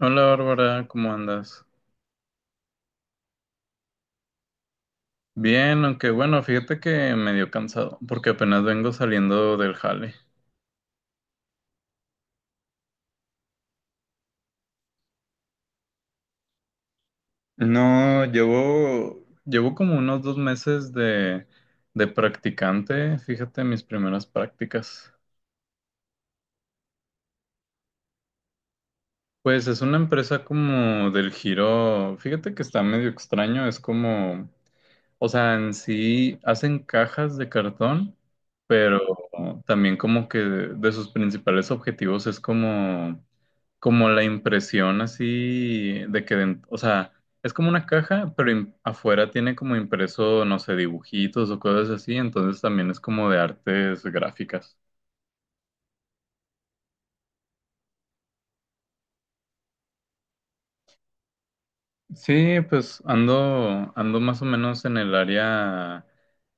Hola Bárbara, ¿cómo andas? Bien, aunque bueno, fíjate que medio cansado porque apenas vengo saliendo del jale. No, llevo como unos 2 meses de practicante, fíjate mis primeras prácticas. Pues es una empresa como del giro, fíjate que está medio extraño, es como, o sea, en sí hacen cajas de cartón, pero también como que de sus principales objetivos es como la impresión así de que, o sea, es como una caja, pero afuera tiene como impreso, no sé, dibujitos o cosas así, entonces también es como de artes gráficas. Sí, pues ando, ando más o menos en el área,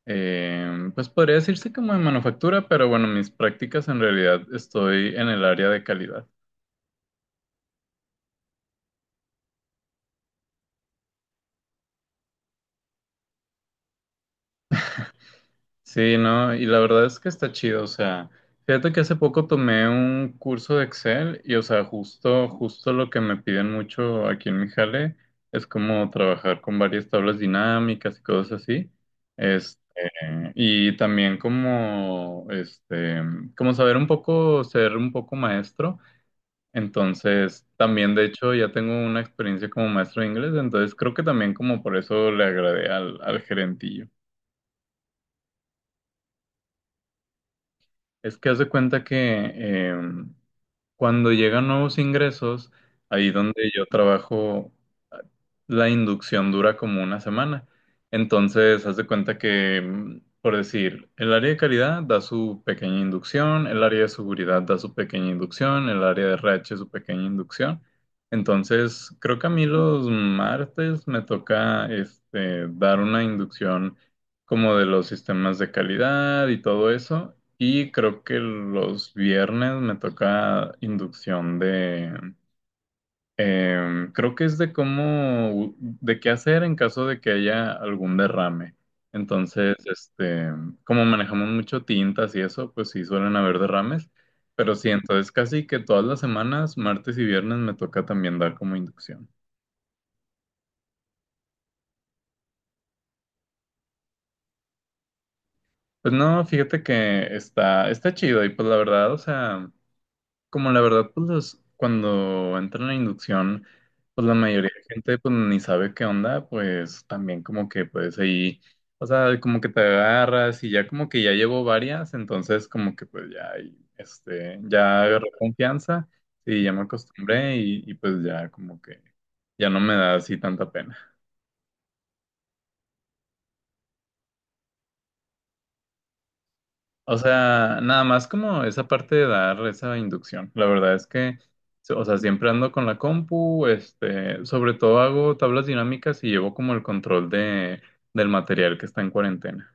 pues podría decirse como de manufactura, pero bueno, mis prácticas en realidad estoy en el área de calidad. Sí, no, y la verdad es que está chido, o sea, fíjate que hace poco tomé un curso de Excel y, o sea, justo lo que me piden mucho aquí en mi jale es como trabajar con varias tablas dinámicas y cosas así, este, y también como, como saber un poco, ser un poco maestro, entonces también de hecho ya tengo una experiencia como maestro de inglés, entonces creo que también como por eso le agradé al, al gerentillo. Es que haz de cuenta que em, cuando llegan nuevos ingresos, ahí donde yo trabajo, ah, la inducción dura como 1 semana. Entonces, haz de cuenta que, por decir, el área de calidad da su pequeña inducción, el área de seguridad da su pequeña inducción, el área de RH su pequeña inducción. Entonces, creo que a mí los martes me toca dar una inducción como de los sistemas de calidad y todo eso. Y creo que los viernes me toca inducción de, creo que es de cómo, de qué hacer en caso de que haya algún derrame. Entonces, como manejamos mucho tintas y eso, pues sí suelen haber derrames. Pero sí, entonces casi que todas las semanas, martes y viernes, me toca también dar como inducción. Pues no, fíjate que está, está chido y pues la verdad, o sea. Como la verdad, pues cuando entra en la inducción, pues la mayoría de gente pues ni sabe qué onda, pues también como que pues ahí, o sea, como que te agarras y ya como que ya llevo varias, entonces como que pues ya, ahí, ya agarré confianza y ya me acostumbré y pues ya como que ya no me da así tanta pena. O sea, nada más como esa parte de dar esa inducción. La verdad es que, o sea, siempre ando con la compu, sobre todo hago tablas dinámicas y llevo como el control de, del material que está en cuarentena.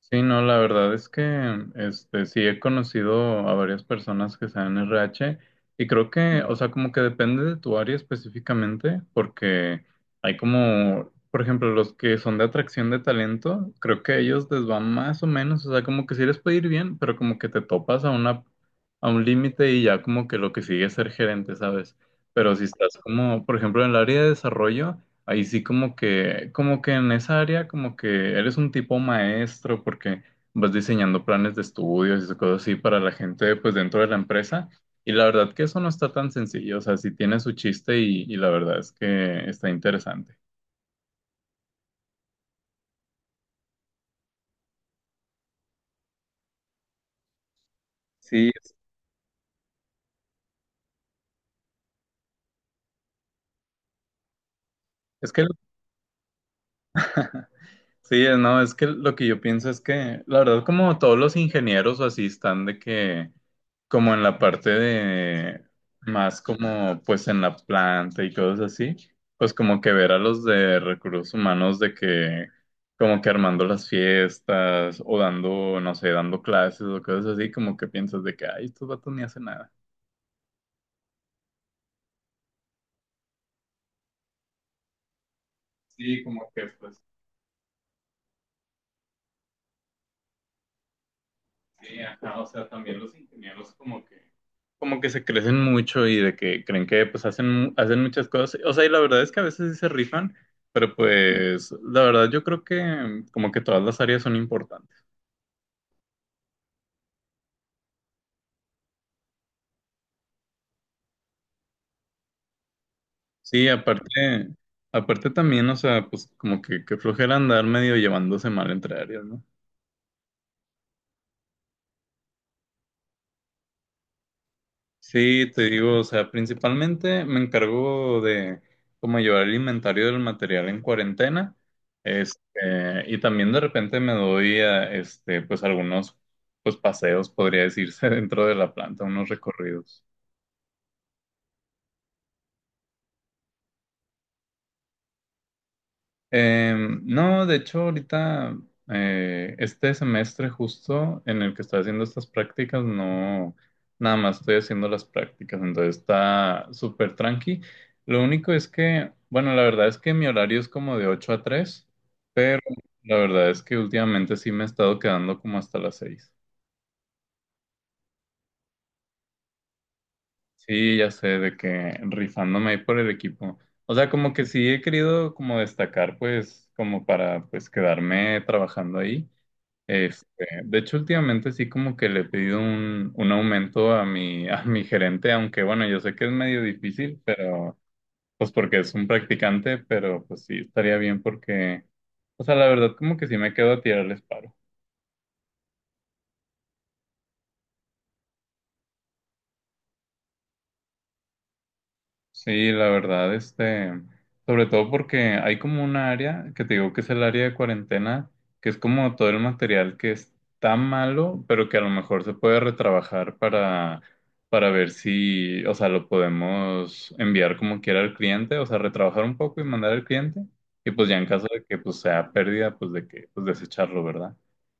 Sí, no, la verdad es que este sí he conocido a varias personas que sean RH y creo que, o sea, como que depende de tu área específicamente, porque hay como, por ejemplo, los que son de atracción de talento, creo que a ellos les va más o menos, o sea, como que sí les puede ir bien, pero como que te topas a una a un límite y ya como que lo que sigue es ser gerente, ¿sabes? Pero si estás como, por ejemplo, en el área de desarrollo, ahí sí como que en esa área como que eres un tipo maestro porque vas diseñando planes de estudios y cosas así para la gente pues dentro de la empresa. Y la verdad que eso no está tan sencillo, o sea, sí tiene su chiste y la verdad es que está interesante. Sí, es que, sí, no, es que lo que yo pienso es que, la verdad, como todos los ingenieros o así están de que, como en la parte de, más como pues en la planta y cosas así, pues como que ver a los de recursos humanos de que, como que armando las fiestas o dando, no sé, dando clases o cosas así, como que piensas de que, ay, estos vatos ni hacen nada. Sí, como que pues sí, ajá, o sea, también los ingenieros como que se crecen mucho y de que creen que pues hacen, hacen muchas cosas. O sea, y la verdad es que a veces sí se rifan, pero pues la verdad yo creo que como que todas las áreas son importantes. Sí, aparte, aparte también, o sea, pues como que flojera andar medio llevándose mal entre áreas, ¿no? Sí, te digo, o sea, principalmente me encargo de como llevar el inventario del material en cuarentena, este, y también de repente me doy a, pues algunos, pues paseos, podría decirse, dentro de la planta, unos recorridos. No, de hecho, ahorita, este semestre justo en el que estoy haciendo estas prácticas, no, nada más estoy haciendo las prácticas, entonces está súper tranqui. Lo único es que, bueno, la verdad es que mi horario es como de 8 a 3, pero la verdad es que últimamente sí me he estado quedando como hasta las 6. Sí, ya sé, de que rifándome ahí por el equipo. O sea, como que sí he querido como destacar, pues, como para, pues, quedarme trabajando ahí. Este, de hecho, últimamente sí como que le he pedido un aumento a mi, a mi gerente, aunque bueno, yo sé que es medio difícil, pero pues porque es un practicante, pero pues sí estaría bien porque, o sea, la verdad como que sí me quedo a tirarles paro. Sí, la verdad, sobre todo porque hay como un área que te digo que es el área de cuarentena, que es como todo el material que está malo, pero que a lo mejor se puede retrabajar para ver si, o sea, lo podemos enviar como quiera al cliente, o sea, retrabajar un poco y mandar al cliente, y pues ya en caso de que pues sea pérdida, pues de que, pues desecharlo, ¿verdad?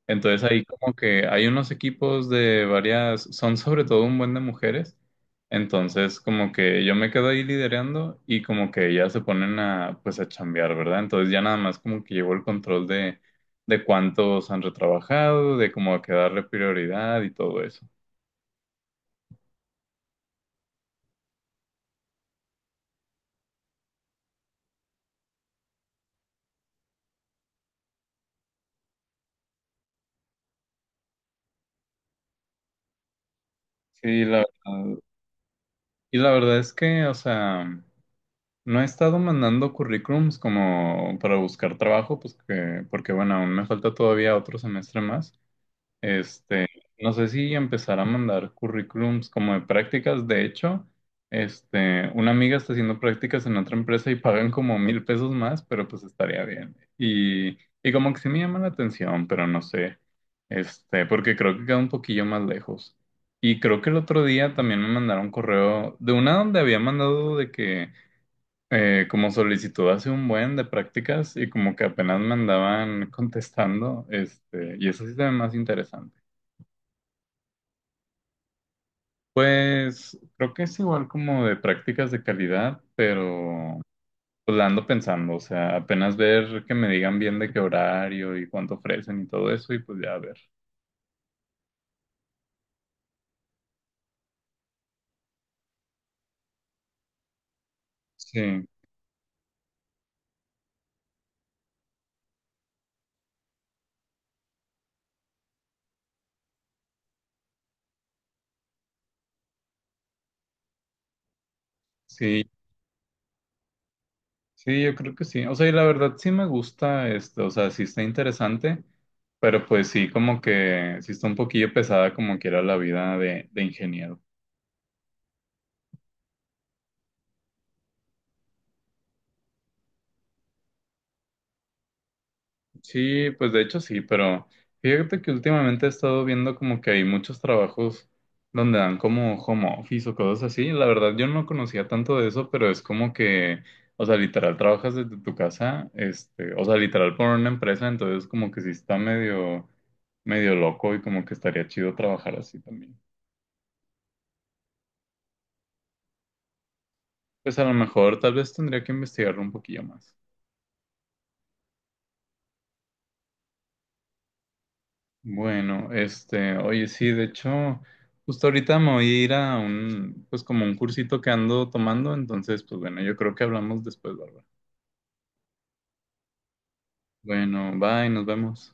Entonces ahí como que hay unos equipos de varias, son sobre todo un buen de mujeres. Entonces, como que yo me quedo ahí liderando y como que ya se ponen a, pues, a chambear, ¿verdad? Entonces ya nada más como que llevo el control de cuántos han retrabajado, de cómo a qué darle prioridad y todo eso. Sí, la verdad. Y la verdad es que, o sea, no he estado mandando currículums como para buscar trabajo, pues que, porque bueno, aún me falta todavía otro semestre más. Este, no sé si empezar a mandar currículums como de prácticas. De hecho, una amiga está haciendo prácticas en otra empresa y pagan como 1000 pesos más, pero pues estaría bien. Y como que sí me llama la atención, pero no sé. Porque creo que queda un poquillo más lejos. Y creo que el otro día también me mandaron correo de una donde había mandado de que como solicitud hace un buen de prácticas y como que apenas me andaban contestando, y eso sí se ve más interesante. Pues creo que es igual como de prácticas de calidad, pero pues la ando pensando, o sea, apenas ver que me digan bien de qué horario y cuánto ofrecen y todo eso y pues ya a ver. Sí, sí, sí, yo creo que sí. O sea, y la verdad sí me gusta esto, o sea, sí está interesante, pero pues sí como que sí está un poquillo pesada como que era la vida de ingeniero. Sí, pues de hecho sí, pero fíjate que últimamente he estado viendo como que hay muchos trabajos donde dan como home office o cosas así. La verdad yo no conocía tanto de eso, pero es como que, o sea, literal trabajas desde tu casa, o sea, literal por una empresa, entonces como que sí está medio, medio loco y como que estaría chido trabajar así también. Pues a lo mejor tal vez tendría que investigarlo un poquillo más. Bueno, oye, sí, de hecho, justo ahorita me voy a ir a un, pues como un cursito que ando tomando, entonces, pues bueno, yo creo que hablamos después, Bárbara. Bueno, bye, nos vemos.